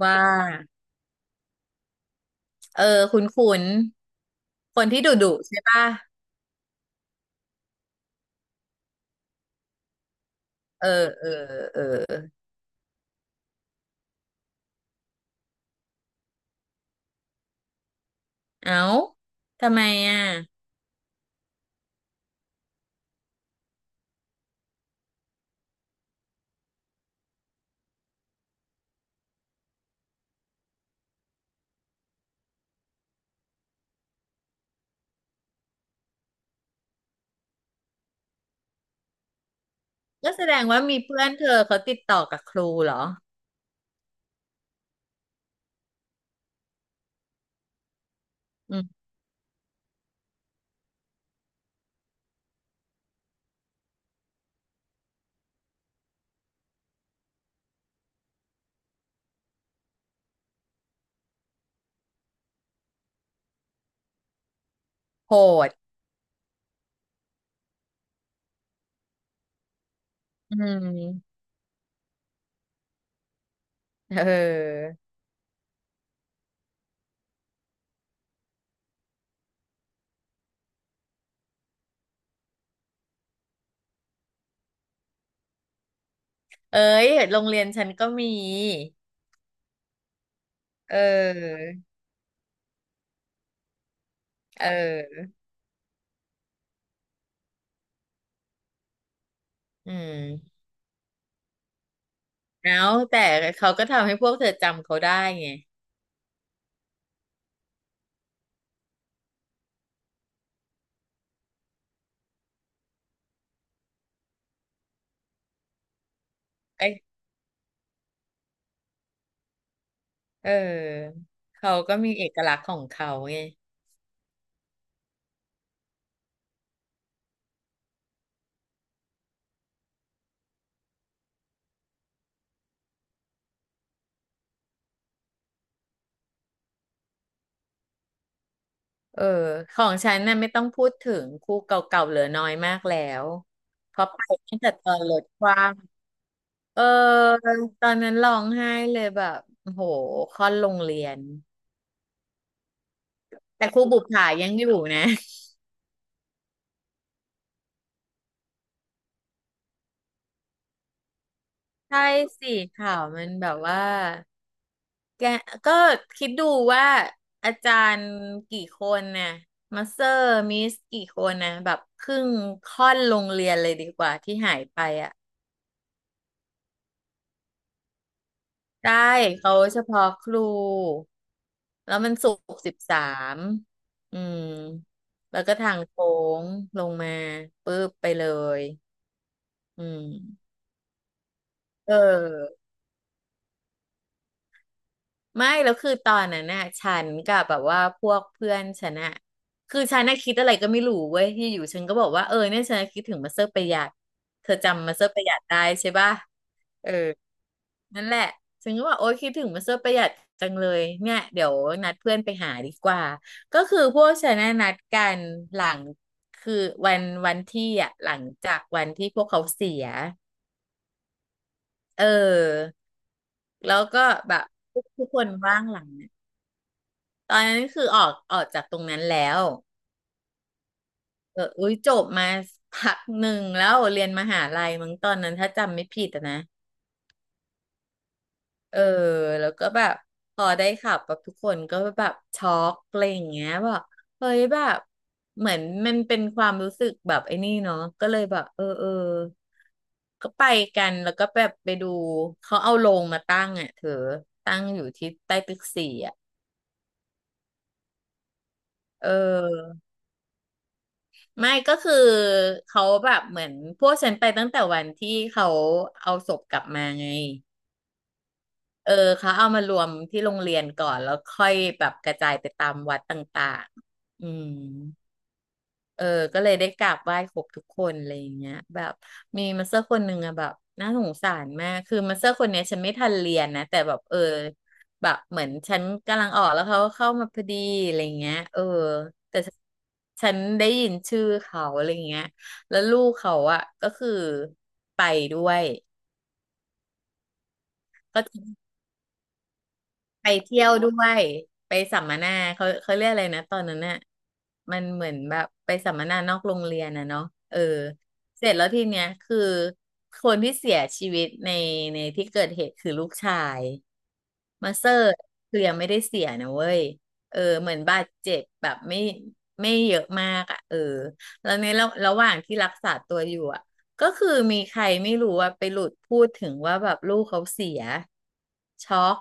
ว่าเออคุณคนที่ดุดุใช่ป่ะเออเออเออเอ้าทำไมอ่ะก็แสดงว่ามีเพื่อนเธอเขาติดต่อกับครูเหรออืมโหดอืมเออเอ้ยโรงเรียนฉันก็มีเออเอออืมเอ้าแต่เขาก็ทำให้พวกเธอจำเขาได้ไงเอ้ยเออเขาก็มีเอกลักษณ์ของเขาไง เออของฉันน่ะไม่ต้องพูดถึงคู่เก่าๆเหลือน้อยมากแล้วเพราะไปตั้งแต่ตอนลดความเออตอนนั้นร้องไห้เลยแบบโอ้โหค่อนโรงเรียนแต่ครูบุปผายังอยู่นะใช่สิข่าวมันแบบว่าแกก็คิดดูว่าอาจารย์กี่คนน่ะมาสเตอร์มิสกี่คนนะแบบครึ่งค่อนโรงเรียนเลยดีกว่าที่หายไปอ่ะ ได้เขาเฉพาะครูแล้วมันศุกร์สิบสามอืมแล้วก็ทางโค้งลงมาปุ๊บไปเลยอืมเออไม่แล้วคือตอนนั้นน่ะฉันกับแบบว่าพวกเพื่อนฉันน่ะคือฉันน่ะคิดอะไรก็ไม่รู้เว้ยที่อยู่ฉันก็บอกว่าเออเนี่ยฉันน่ะคิดถึงมาสเตอร์ประหยัดเธอจำมาสเตอร์ประหยัดได้ใช่ป่ะเออ นั่นแหละฉันก็บอกโอ๊ยคิดถึงมาเซอร์ประหยัดจังเลยเนี่ยเดี๋ยวนัดเพื่อนไปหาดีกว่า ก็คือพวกฉันน่ะนัดกันหลังคือวันที่อ่ะหลังจากวันที่พวกเขาเสียเออแล้วก็แบบทุกคนว่างหลังเนี่ยตอนนั้นคือออกจากตรงนั้นแล้วเอออุ้ยจบมาพักหนึ่งแล้วเรียนมหาลัยมั้งตอนนั้นถ้าจำไม่ผิดอะนะ เออแล้วก็แบบพอได้ขับแบบทุกคนก็แบบช็อกอะไรอย่างเงี้ยแบบเฮ้ยแบบเหมือนมันเป็นความรู้สึกแบบไอ้นี่เนาะก็เลยแบบเออเออก็ไปกันแล้วก็แบบไปดูเขาเอาโรงมาตั้งอ่ะเธอตั้งอยู่ที่ใต้ตึกสี่อ่ะเออไม่ก็คือเขาแบบเหมือนพวกฉันไปตั้งแต่วันที่เขาเอาศพกลับมาไง เออเขาเอามารวมที่โรงเรียนก่อนแล้วค่อยแบบกระจายไปตามวัดต่างๆอืมเออก็เลยได้กราบไหว้ครบทุกคนอะไรอย่างเงี้ยแบบมีมาสเตอร์คนหนึ่งอะแบบน่าสงสารมากคือมาสเตอร์คนเนี้ยฉันไม่ทันเรียนนะแต่แบบเออแบบเหมือนฉันกำลังออกแล้วเขาก็เข้ามาพอดีอะไรอย่างเงี้ยเออแต่ฉันได้ยินชื่อเขาอะไรอย่างเงี้ยแล้วลูกเขาอะก็คือไปด้วย ไปเที่ยวด้วยไปสัมมนาเขาเรียกอะไรนะตอนนั้นน่ะมันเหมือนแบบไปสัมมนานอกโรงเรียนนะเนาะเออเสร็จแล้วทีเนี้ยคือคนที่เสียชีวิตในที่เกิดเหตุคือลูกชายมาเซอร์คือยังไม่ได้เสียนะเว้ยเออเหมือนบาดเจ็บแบบไม่เยอะมากอ่ะเออแล้วในระหว่างที่รักษาตัวอยู่อ่ะก็คือมีใครไม่รู้ว่าไปหลุดพูดถึงว่าแบบลูกเขาเสียช็อก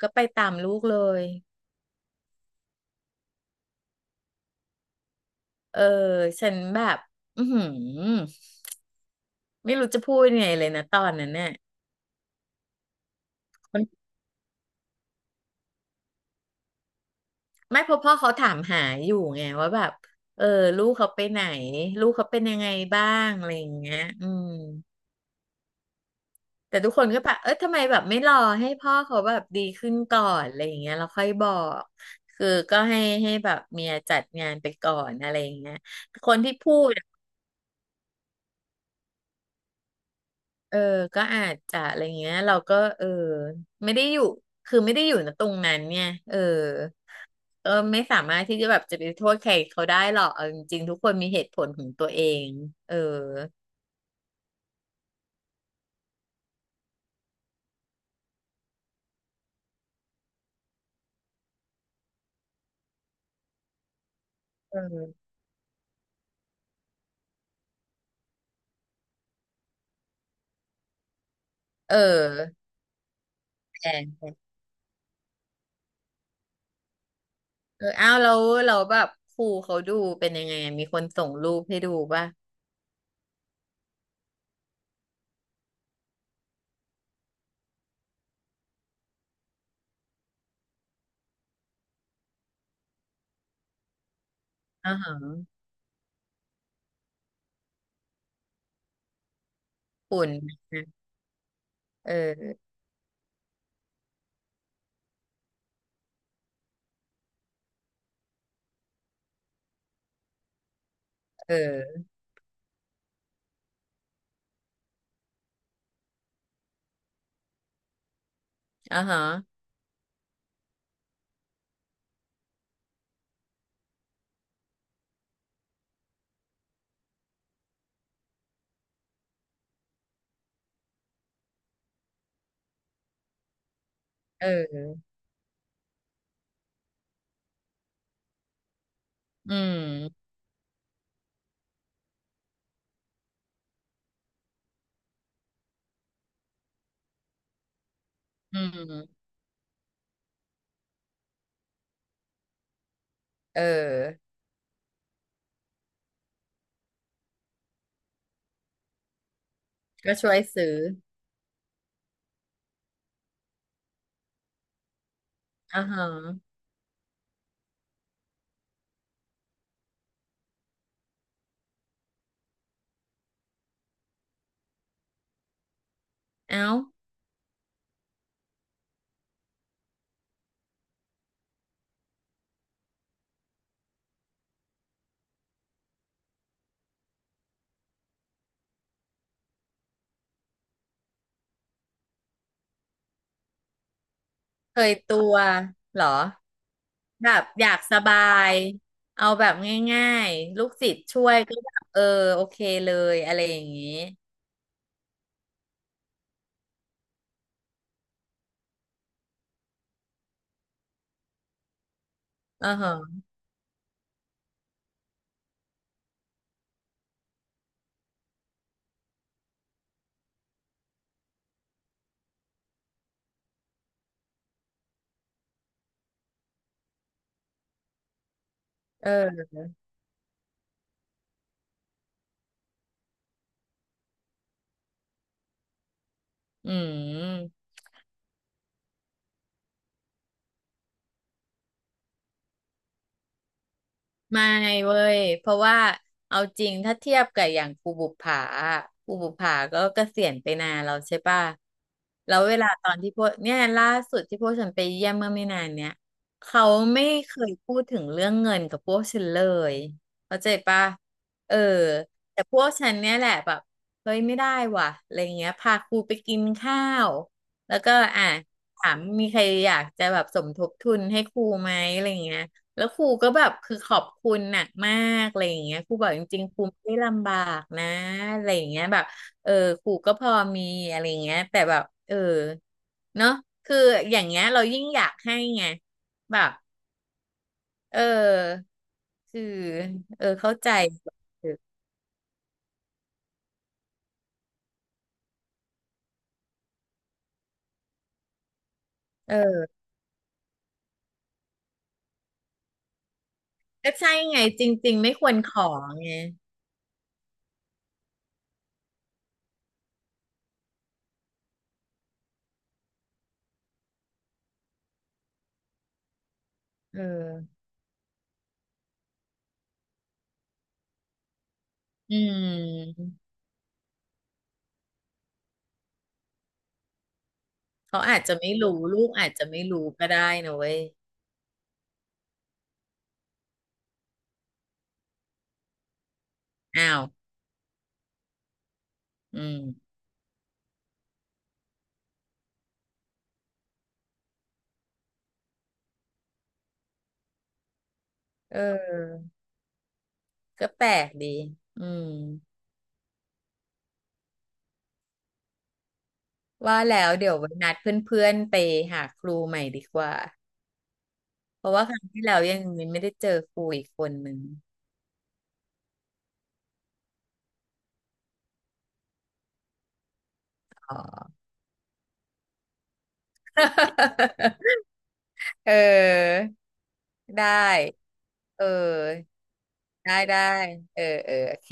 ก็ไปตามลูกเลยเออฉันแบบอือหือไม่รู้จะพูดยังไงเลยนะตอนนั้นเนี่ยมันไม่เพราะพ่อเขาถามหาอยู่ไงว่าแบบเออลูกเขาไปไหนลูกเขาเป็นยังไงบ้างอะไรอย่างเงี้ยอืมแต่ทุกคนก็แบบเออทำไมแบบไม่รอให้พ่อเขาแบบดีขึ้นก่อนอะไรอย่างเงี้ยเราค่อยบอกคือก็ให้แบบเมียจัดงานไปก่อนอะไรอย่างเงี้ยคนที่พูด เออ ก็อาจจะอะไรเงี้ยเราก็เออไม่ได้อยู่คือไม่ได้อยู่ณตรงนั้นเนี่ยเออก็ไม่สามารถที่จะแบบจะไปโทษใครเขาได้หรอกเอาจริงๆทุกคนมีเหตุผลของตัวเองเออเออเออแต่เอออ้าวแลเราแล้วแบบครูเขาดูเป็นยังไงอะมีคนส่งรูปให้ดูป่ะอ่าฮะฝุ่นเออเอออ่าฮะเอออืมอืมเออก็ช่วยซื้ออ่าฮะเอ้า เคยตัวเหรอแบบอยากสบายเอาแบบง่ายๆลูกศิษย์ช่วยก็แบบเออโอเคเลยอะไรอย่างนี้เออฮะเอออืม ไม่เว้ยเพราะว่าเอาจริงถ้าเทียบกับอย่างภูบุปผาอะภูบุปผาก็เกษียณไปนานแล้วใช่ป่ะแล้วเวลาตอนที่พวกเนี่ยล่าสุดที่พวกฉันไปเยี่ยมเมื่อไม่นานเนี่ยเขาไม่เคยพูดถึงเรื่องเงินกับพวกฉันเลยเข้าใจป่ะเออแต่พวกฉันเนี่ยแหละแบบเฮ้ยไม่ได้ว่ะอะไรเงี้ยพาครูไปกินข้าวแล้วก็อ่ะถามมีใครอยากจะแบบสมทบทุนให้ครูไหมอะไรเงี้ย แล้วครูก็แบบคือขอบคุณหนักมากอะไรอย่างเงี้ยครูบอกจริงๆครูไม่ได้ลำบากนะอะไรอย่างเงี้ยแบบเออครูก็พอมีอะไรอย่างเงี้ยแต่แบบเออเนาะคืออย่างเงี้ยเรายิ่งอยากให้ไงแบบเออคือเออเข้าใจเออก็ใช่ไงจริงๆไม่ควรขอไงเอออืมเขาอาจจะไม่รู้ลูกอาจจะไม่รู้ก็ได้นะเว้ยอ้าวอืมเออ ก็แปลกดีอืมว่าแล้วเดี๋ยวไว้นัดเพื่อนๆไปหาครูใหม่ดีกว่า เพราะว่าครั้งที่แล้วยังไม่ได้เจอครูอีกคนหนึ่งอ๋อ เออ ได้ เออ ได้ได้ เออ เออ โอเค